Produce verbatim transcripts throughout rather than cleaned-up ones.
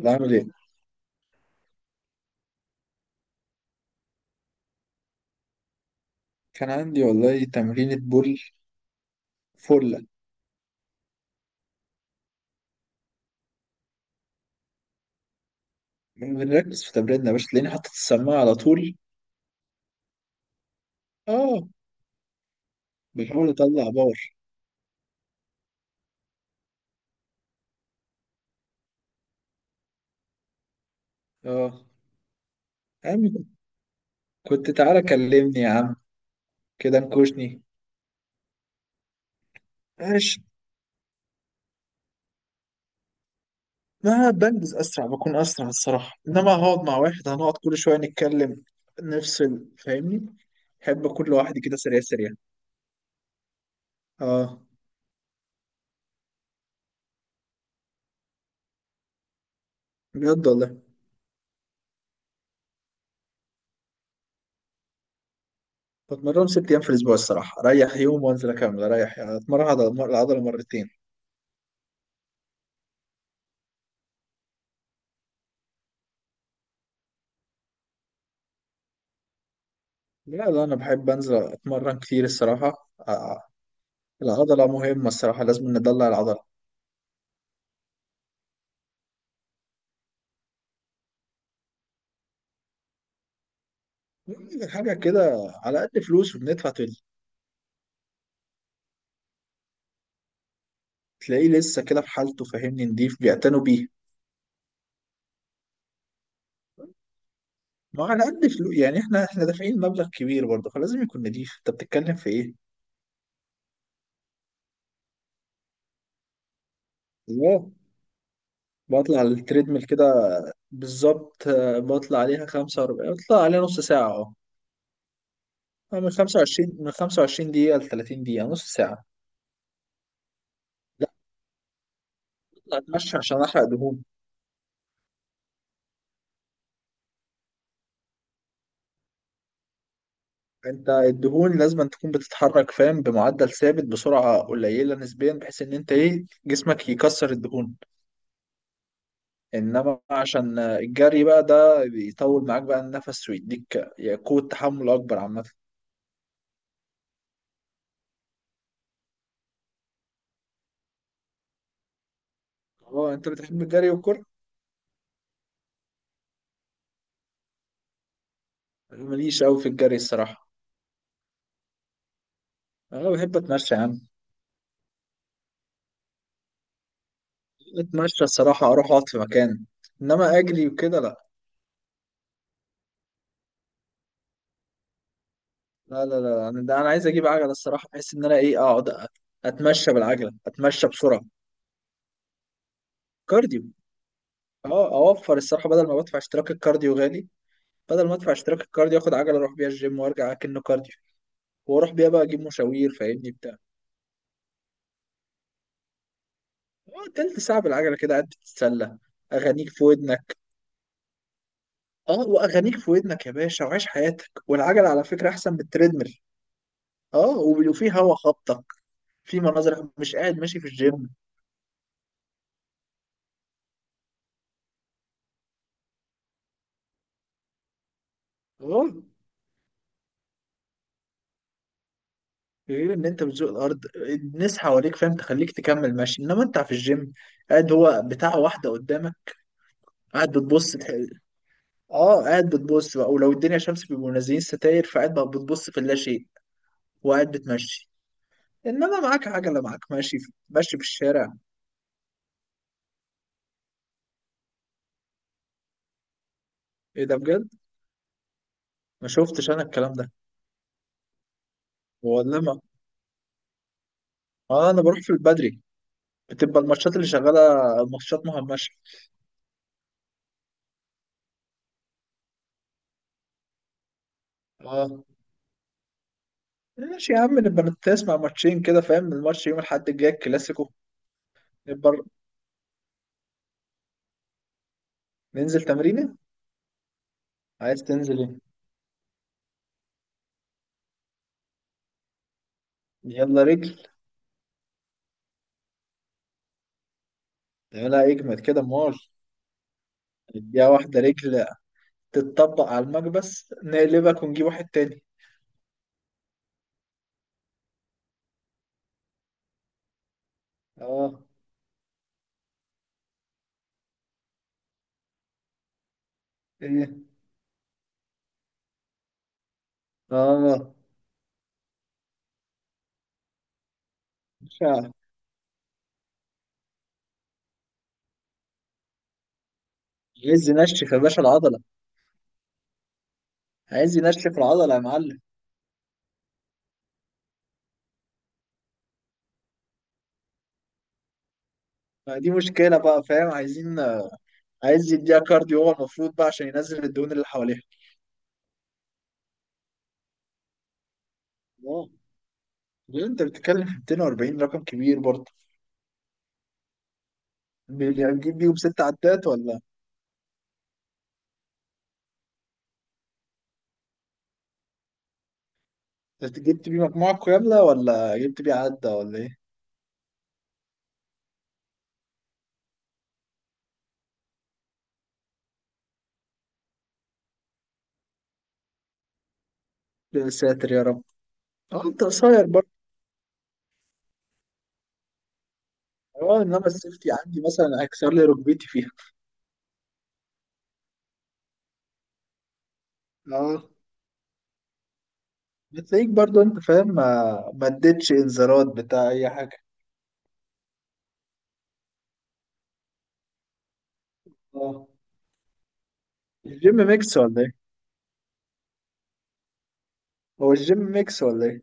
سيد عامل ايه؟ كان عندي والله تمرينة بول فلة. بنركز في تمريننا يا باشا، تلاقيني حاطط السماعة على طول. اه، بحاول اطلع باور. اه يا عم، كنت تعالى كلمني يا عم، كده نكوشني. ماشي. ما بنجز اسرع، بكون اسرع الصراحة، انما هقعد مع واحد هنقعد كل شوية نتكلم، نفصل فاهمني؟ احب اكون لوحدي كده سريع سريع. اه، بجد والله. بتمرن ست ايام في الاسبوع الصراحة، اريح يوم وانزل اكمل، اريح يعني اتمرن على العضلة مرتين. لا لا، أنا بحب أنزل أتمرن كتير الصراحة آه، العضلة مهمة الصراحة، لازم ندلع العضلة. حاجة كده على قد فلوس وبندفع تل- تلاقيه لسه كده في حالته فاهمني، نضيف بيعتنوا بيه. ما على قد فلوس يعني، احنا احنا دافعين مبلغ كبير برضه، فلازم يكون نضيف، انت بتتكلم في ايه؟ لا، بطلع على التريدميل كده. بالظبط آه، بطلع عليها خمسة وأربعين، بطلع عليها نص ساعة. اه آه، من خمسة وعشرين، من خمسة وعشرين دقيقة ل ثلاثون دقيقة، نص ساعة. لا، بطلع اتمشى عشان احرق دهون. انت الدهون لازم تكون بتتحرك فاهم، بمعدل ثابت بسرعه قليله نسبيا، بحيث ان انت ايه جسمك يكسر الدهون. انما عشان الجري بقى ده بيطول معاك بقى النفس، ويديك قوه تحمل اكبر عامه. اه انت بتحب الجري والكره. أنا ماليش قوي في الجري الصراحه. انا بحب اتمشى يا عم. اتمشى الصراحه، اروح اقعد في مكان، انما اجري وكده لا لا. لا لا، انا ده انا عايز اجيب عجله الصراحه، بحيث ان انا ايه اقعد اتمشى بالعجله، اتمشى بسرعه. كارديو. اه، اوفر الصراحه، بدل ما بدفع اشتراك الكارديو غالي، بدل ما ادفع اشتراك الكارديو اخد عجله، اروح بيها الجيم وارجع اكنه كارديو، واروح بيها بقى اجيب مشاوير فاهمني بتاع. اه، تلت ساعه بالعجله كده قاعد تتسلى، اغانيك في ودنك. اه، واغانيك في ودنك يا باشا، وعيش حياتك. والعجله على فكره احسن من التريدميل. اه وب- وفي هوا خبطك، في مناظر، مش قاعد ماشي في الجيم. اه، غير ان انت بتزوق الارض، الناس حواليك فاهم تخليك تكمل ماشي، انما انت في الجيم قاعد هو بتاع واحده قدامك، قاعد بتبص. اه، قاعد بتبص بقى، ولو الدنيا شمس بيبقوا منزلين ستاير فقاعد بقى بتبص في اللاشيء وقاعد بتمشي. انما معاك عجله، معاك ماشي في ماشي في الشارع. ايه ده بجد؟ ما شفتش انا الكلام ده. والله ما. اه، انا بروح في البدري، بتبقى الماتشات اللي شغاله ماتشات مهمشه. اه ماشي يا عم، نبقى نسمع ماتشين كده فاهم، الماتش يوم الاحد الجاي الكلاسيكو. نبقى ننزل تمرينه. عايز تنزل ايه؟ يلا رجل. لا، اجمد كده مول. نديها واحده رجل، تتطبق على المكبس نقلبك ونجيب واحد تاني. اه. ايه. اه. باشا. عايز ينشف يا باشا العضلة. عايز ينشف العضلة يا معلم. ما دي مشكلة بقى فاهم، عايزين. عايز يديها كارديو هو المفروض بقى عشان ينزل الدهون اللي حواليها. اه، ليه انت بتتكلم في مئتين وأربعين، رقم كبير برضه؟ بي- يعني جبت بيهم ست عدات، ولا جبت بيه مجموعة كاملة، ولا جبت بيه عدة ولا ايه؟ يا ساتر يا رب. اه انت قصير برضه. اه، انما السيفتي عندي مثلا هكسر لي ركبتي فيها. اه، بتلاقيك برضو انت فاهم، ما ما اديتش انذارات بتاع اي حاجه. اه الجيم ميكس ولا ايه؟ هو الجيم ميكس ولا ايه؟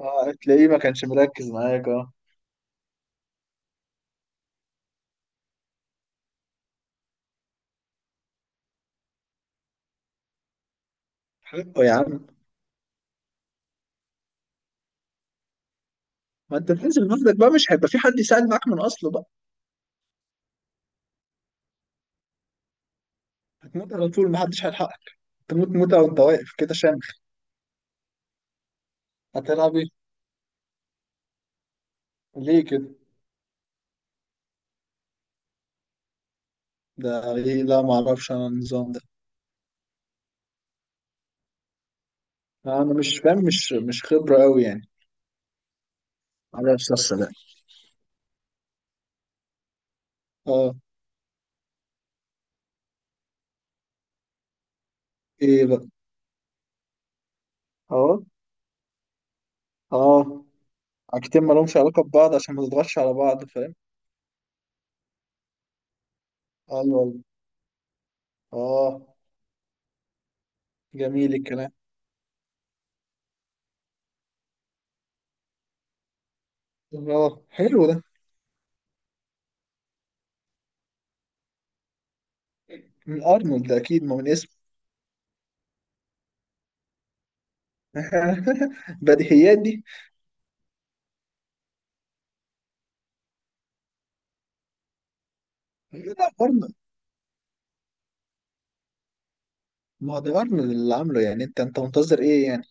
اه، تلاقيه ما كانش مركز معاك اه. حقه يا عم. ما انت بتنزل لوحدك بقى، مش هيبقى في حد يساعد معاك من اصله بقى. هتموت على طول، ما حدش هيلحقك. تموت موتة وانت واقف كده شامخ. هتلعب ايه؟ ليه كده؟ ده ايه؟ لا ما اعرفش انا النظام ده. لا انا مش فاهم، مش مش خبره قوي يعني. معرفش الصراحه. اه. ايه بقى؟ اه. اه. حاجتين ما لهمش علاقة ببعض عشان ما تضغطش على بعض فاهم. ايوه. اه. جميل الكلام. اه، حلو ده. من ارنولد ده اكيد، ما من اسمه. بديهيات دي. لا ارنولد. ما هو ده ارنولد اللي عامله يعني، انت انت منتظر ايه يعني.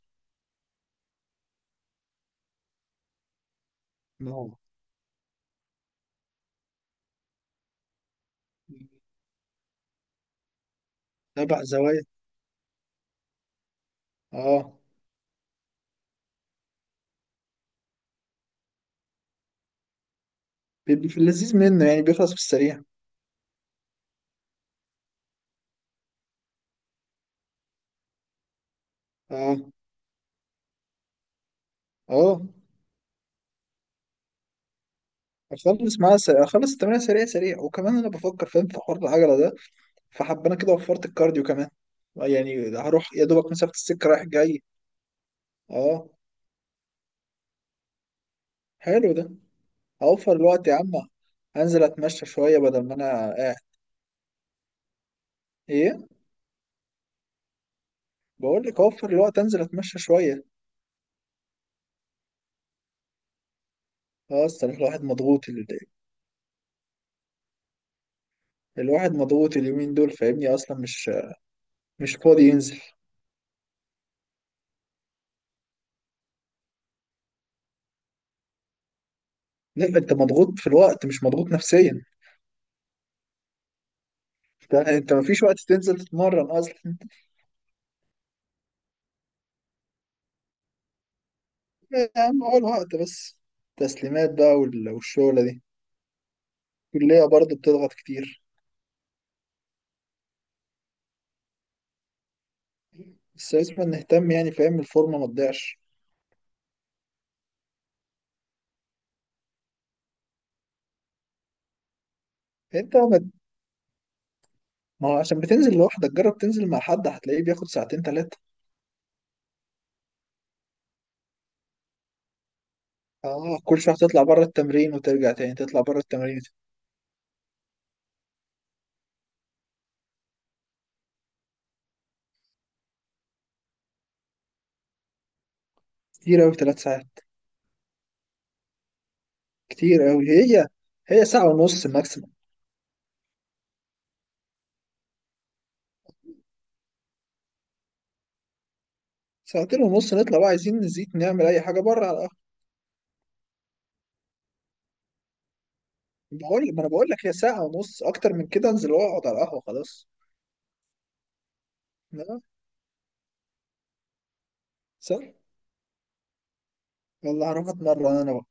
ما هو. تبع زوايا. اه. بيبقى في اللذيذ منه يعني، بيخلص في السريع. اه. اه. اخلص معاه سريع، اخلص التمرين سريع سريع، وكمان انا بفكر فاهم في حوار العجله ده، فحب انا كده وفرت الكارديو كمان. يعني هروح يا دوبك مسافه السكه رايح جاي. اه، حلو ده. اوفر الوقت يا عم، انزل اتمشى شويه بدل ما انا قاعد. ايه. بقول لك اوفر الوقت، انزل اتمشى شويه. اه، اصل الواحد مضغوط ال... الواحد مضغوط اليومين دول فاهمني، اصلا مش مش فاضي ينزل. لا انت مضغوط في الوقت، مش مضغوط نفسيا. انت انت مفيش وقت تنزل تتمرن اصلا. لا يا عم، هو الوقت بس. تسليمات بقى وال... والشغله دي. الكليه برضه بتضغط كتير. بس لازم نهتم يعني فاهم، الفورمه ما تضيعش. انت. ما ما هو عشان بتنزل لوحدك، جرب تنزل مع حد هتلاقيه بياخد ساعتين تلاتة. اه، كل شوية تطلع بره التمرين وترجع تاني تطلع بره التمرين وت- كتير أوي تلات ساعات. كتير أوي هي. هي ساعة ونص ماكسيموم. ساعتين ونص نطلع بقى، عايزين نزيد نعمل أي حاجة بره على القهوة. بقول ما أنا بقول لك، هي ساعة ونص، أكتر من كده أنزل وأقعد على القهوة خلاص. لا. صح. والله هروح أتمرن أنا بقى.